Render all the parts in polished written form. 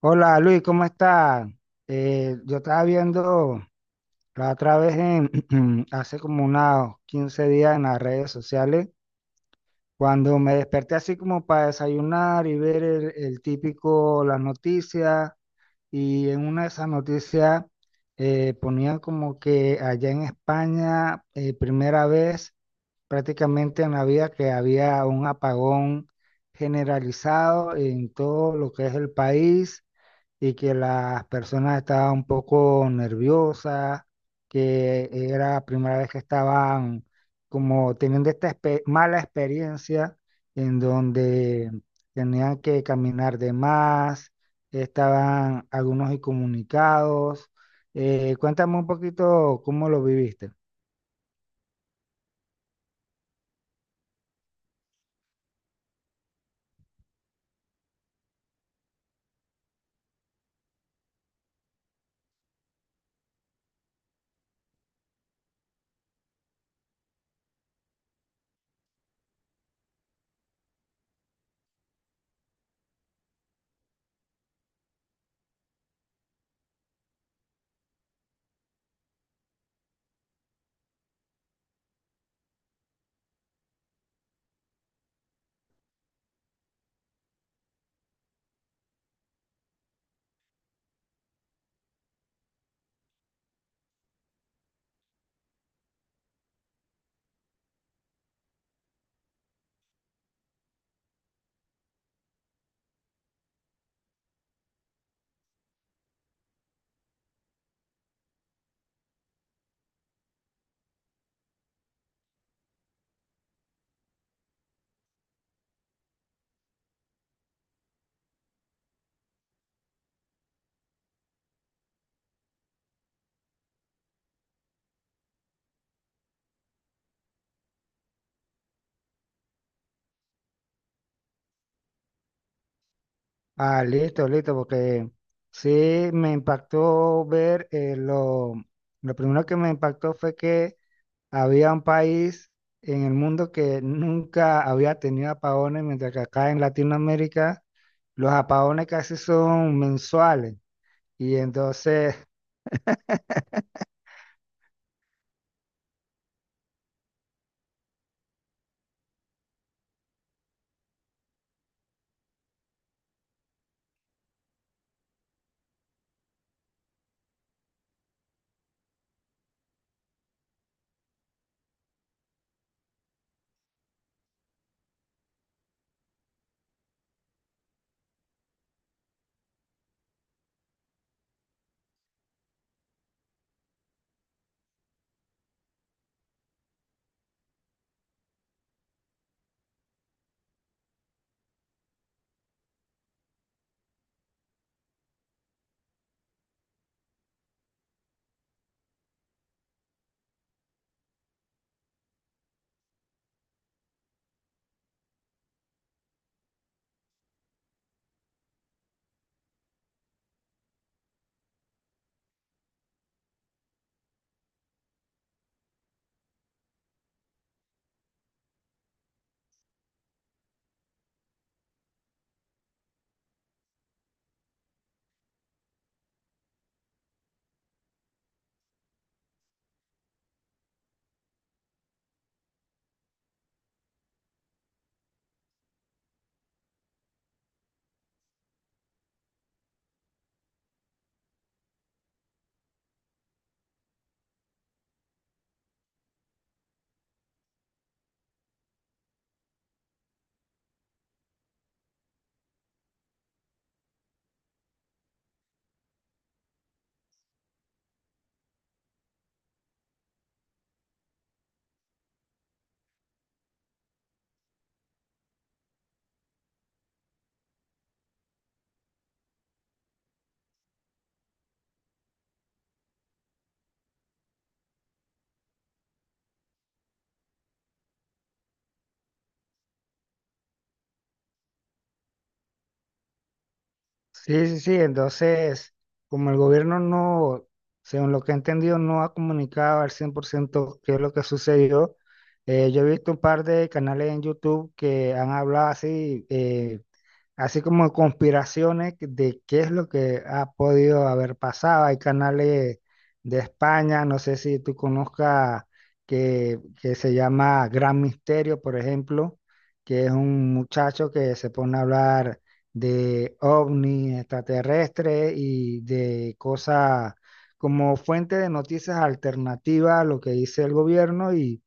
Hola Luis, ¿cómo estás? Yo estaba viendo la otra vez en, hace como unos 15 días en las redes sociales, cuando me desperté así como para desayunar y ver el típico, las noticias, y en una de esas noticias ponían como que allá en España, primera vez prácticamente en la vida que había un apagón generalizado en todo lo que es el país y que las personas estaban un poco nerviosas, que era la primera vez que estaban como teniendo mala experiencia en donde tenían que caminar de más, estaban algunos incomunicados. Cuéntame un poquito cómo lo viviste. Ah, listo, listo, porque sí me impactó ver lo primero que me impactó fue que había un país en el mundo que nunca había tenido apagones, mientras que acá en Latinoamérica los apagones casi son mensuales. Y entonces, sí, sí, sí, entonces, como el gobierno no, según lo que he entendido, no ha comunicado al 100% qué es lo que sucedió, yo he visto un par de canales en YouTube que han hablado así. Así como conspiraciones de qué es lo que ha podido haber pasado. Hay canales de España, no sé si tú conozcas que se llama Gran Misterio, por ejemplo, que es un muchacho que se pone a hablar de ovnis extraterrestres y de cosas como fuente de noticias alternativas a lo que dice el gobierno y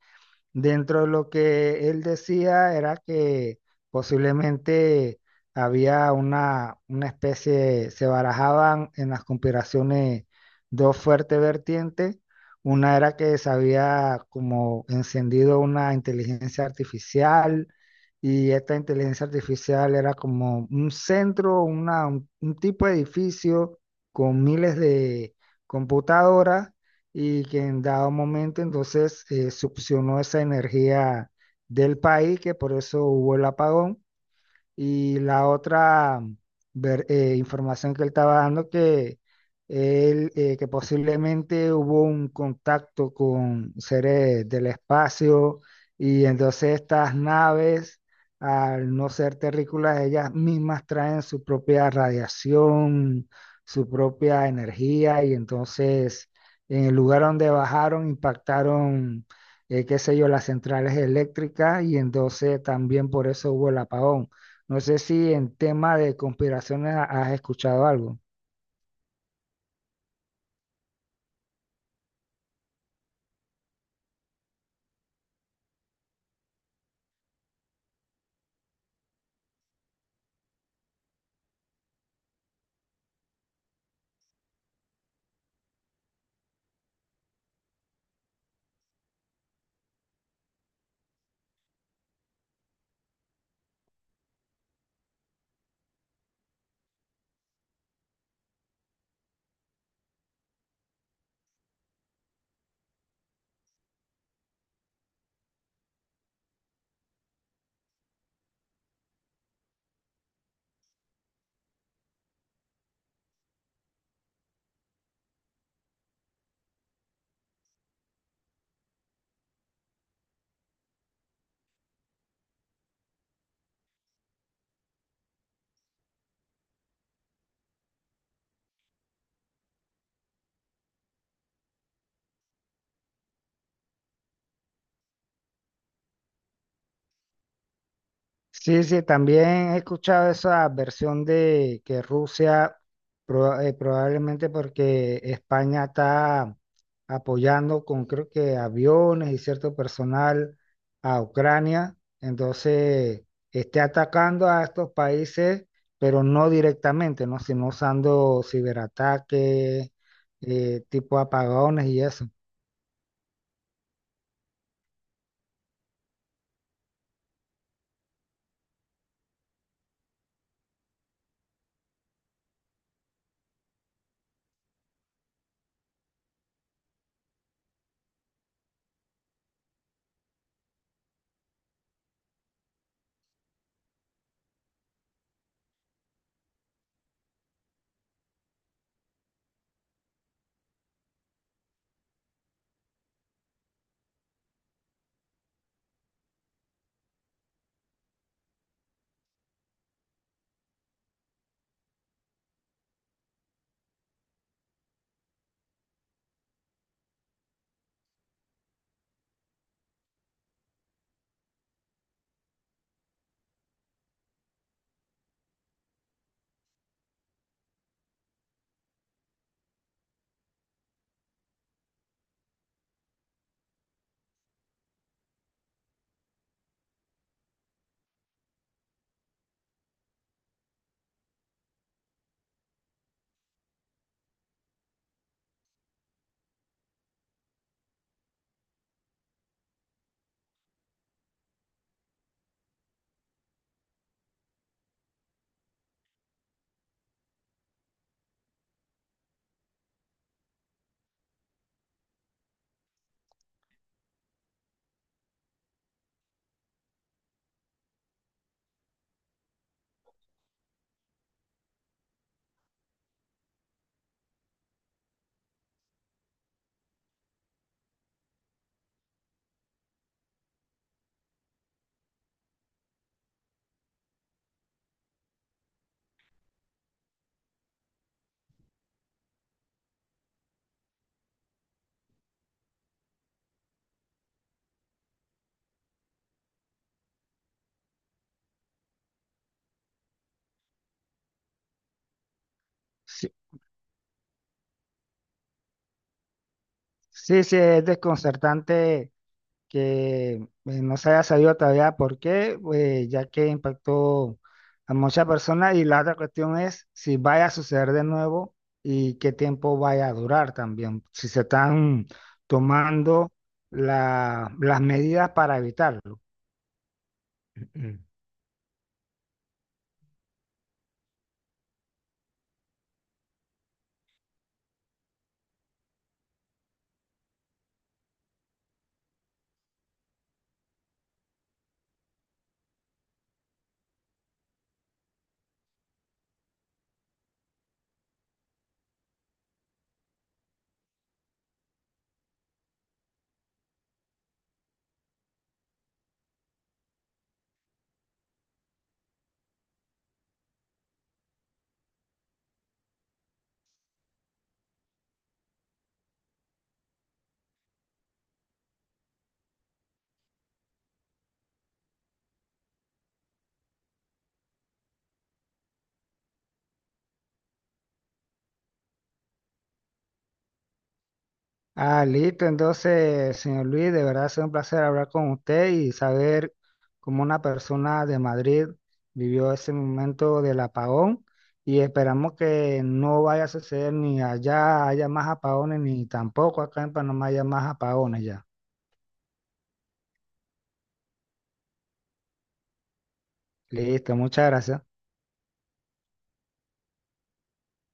dentro de lo que él decía era que posiblemente había una especie, se barajaban en las conspiraciones dos fuertes vertientes. Una era que se había como encendido una inteligencia artificial y esta inteligencia artificial era como un centro, un tipo de edificio con miles de computadoras y que en dado momento entonces succionó esa energía del país, que por eso hubo el apagón. Y la otra información que él estaba dando, que posiblemente hubo un contacto con seres del espacio y entonces estas naves, al no ser terrícolas, ellas mismas traen su propia radiación, su propia energía y entonces en el lugar donde bajaron impactaron, qué sé yo, las centrales eléctricas y entonces también por eso hubo el apagón. No sé si en tema de conspiraciones has escuchado algo. Sí, sí, también he escuchado esa versión de que Rusia, probablemente porque España está apoyando con creo que aviones y cierto personal a Ucrania, entonces esté atacando a estos países, pero no directamente, ¿no? Sino usando ciberataques, tipo apagones y eso. Sí, sí, sí, es desconcertante que no se haya sabido todavía por qué, pues, ya que impactó a muchas personas. Y la otra cuestión es si vaya a suceder de nuevo y qué tiempo vaya a durar también, si se están tomando las medidas para evitarlo. Ah, listo. Entonces, señor Luis, de verdad ha sido un placer hablar con usted y saber cómo una persona de Madrid vivió ese momento del apagón y esperamos que no vaya a suceder ni allá haya más apagones ni tampoco acá en Panamá haya más apagones ya. Listo, muchas gracias.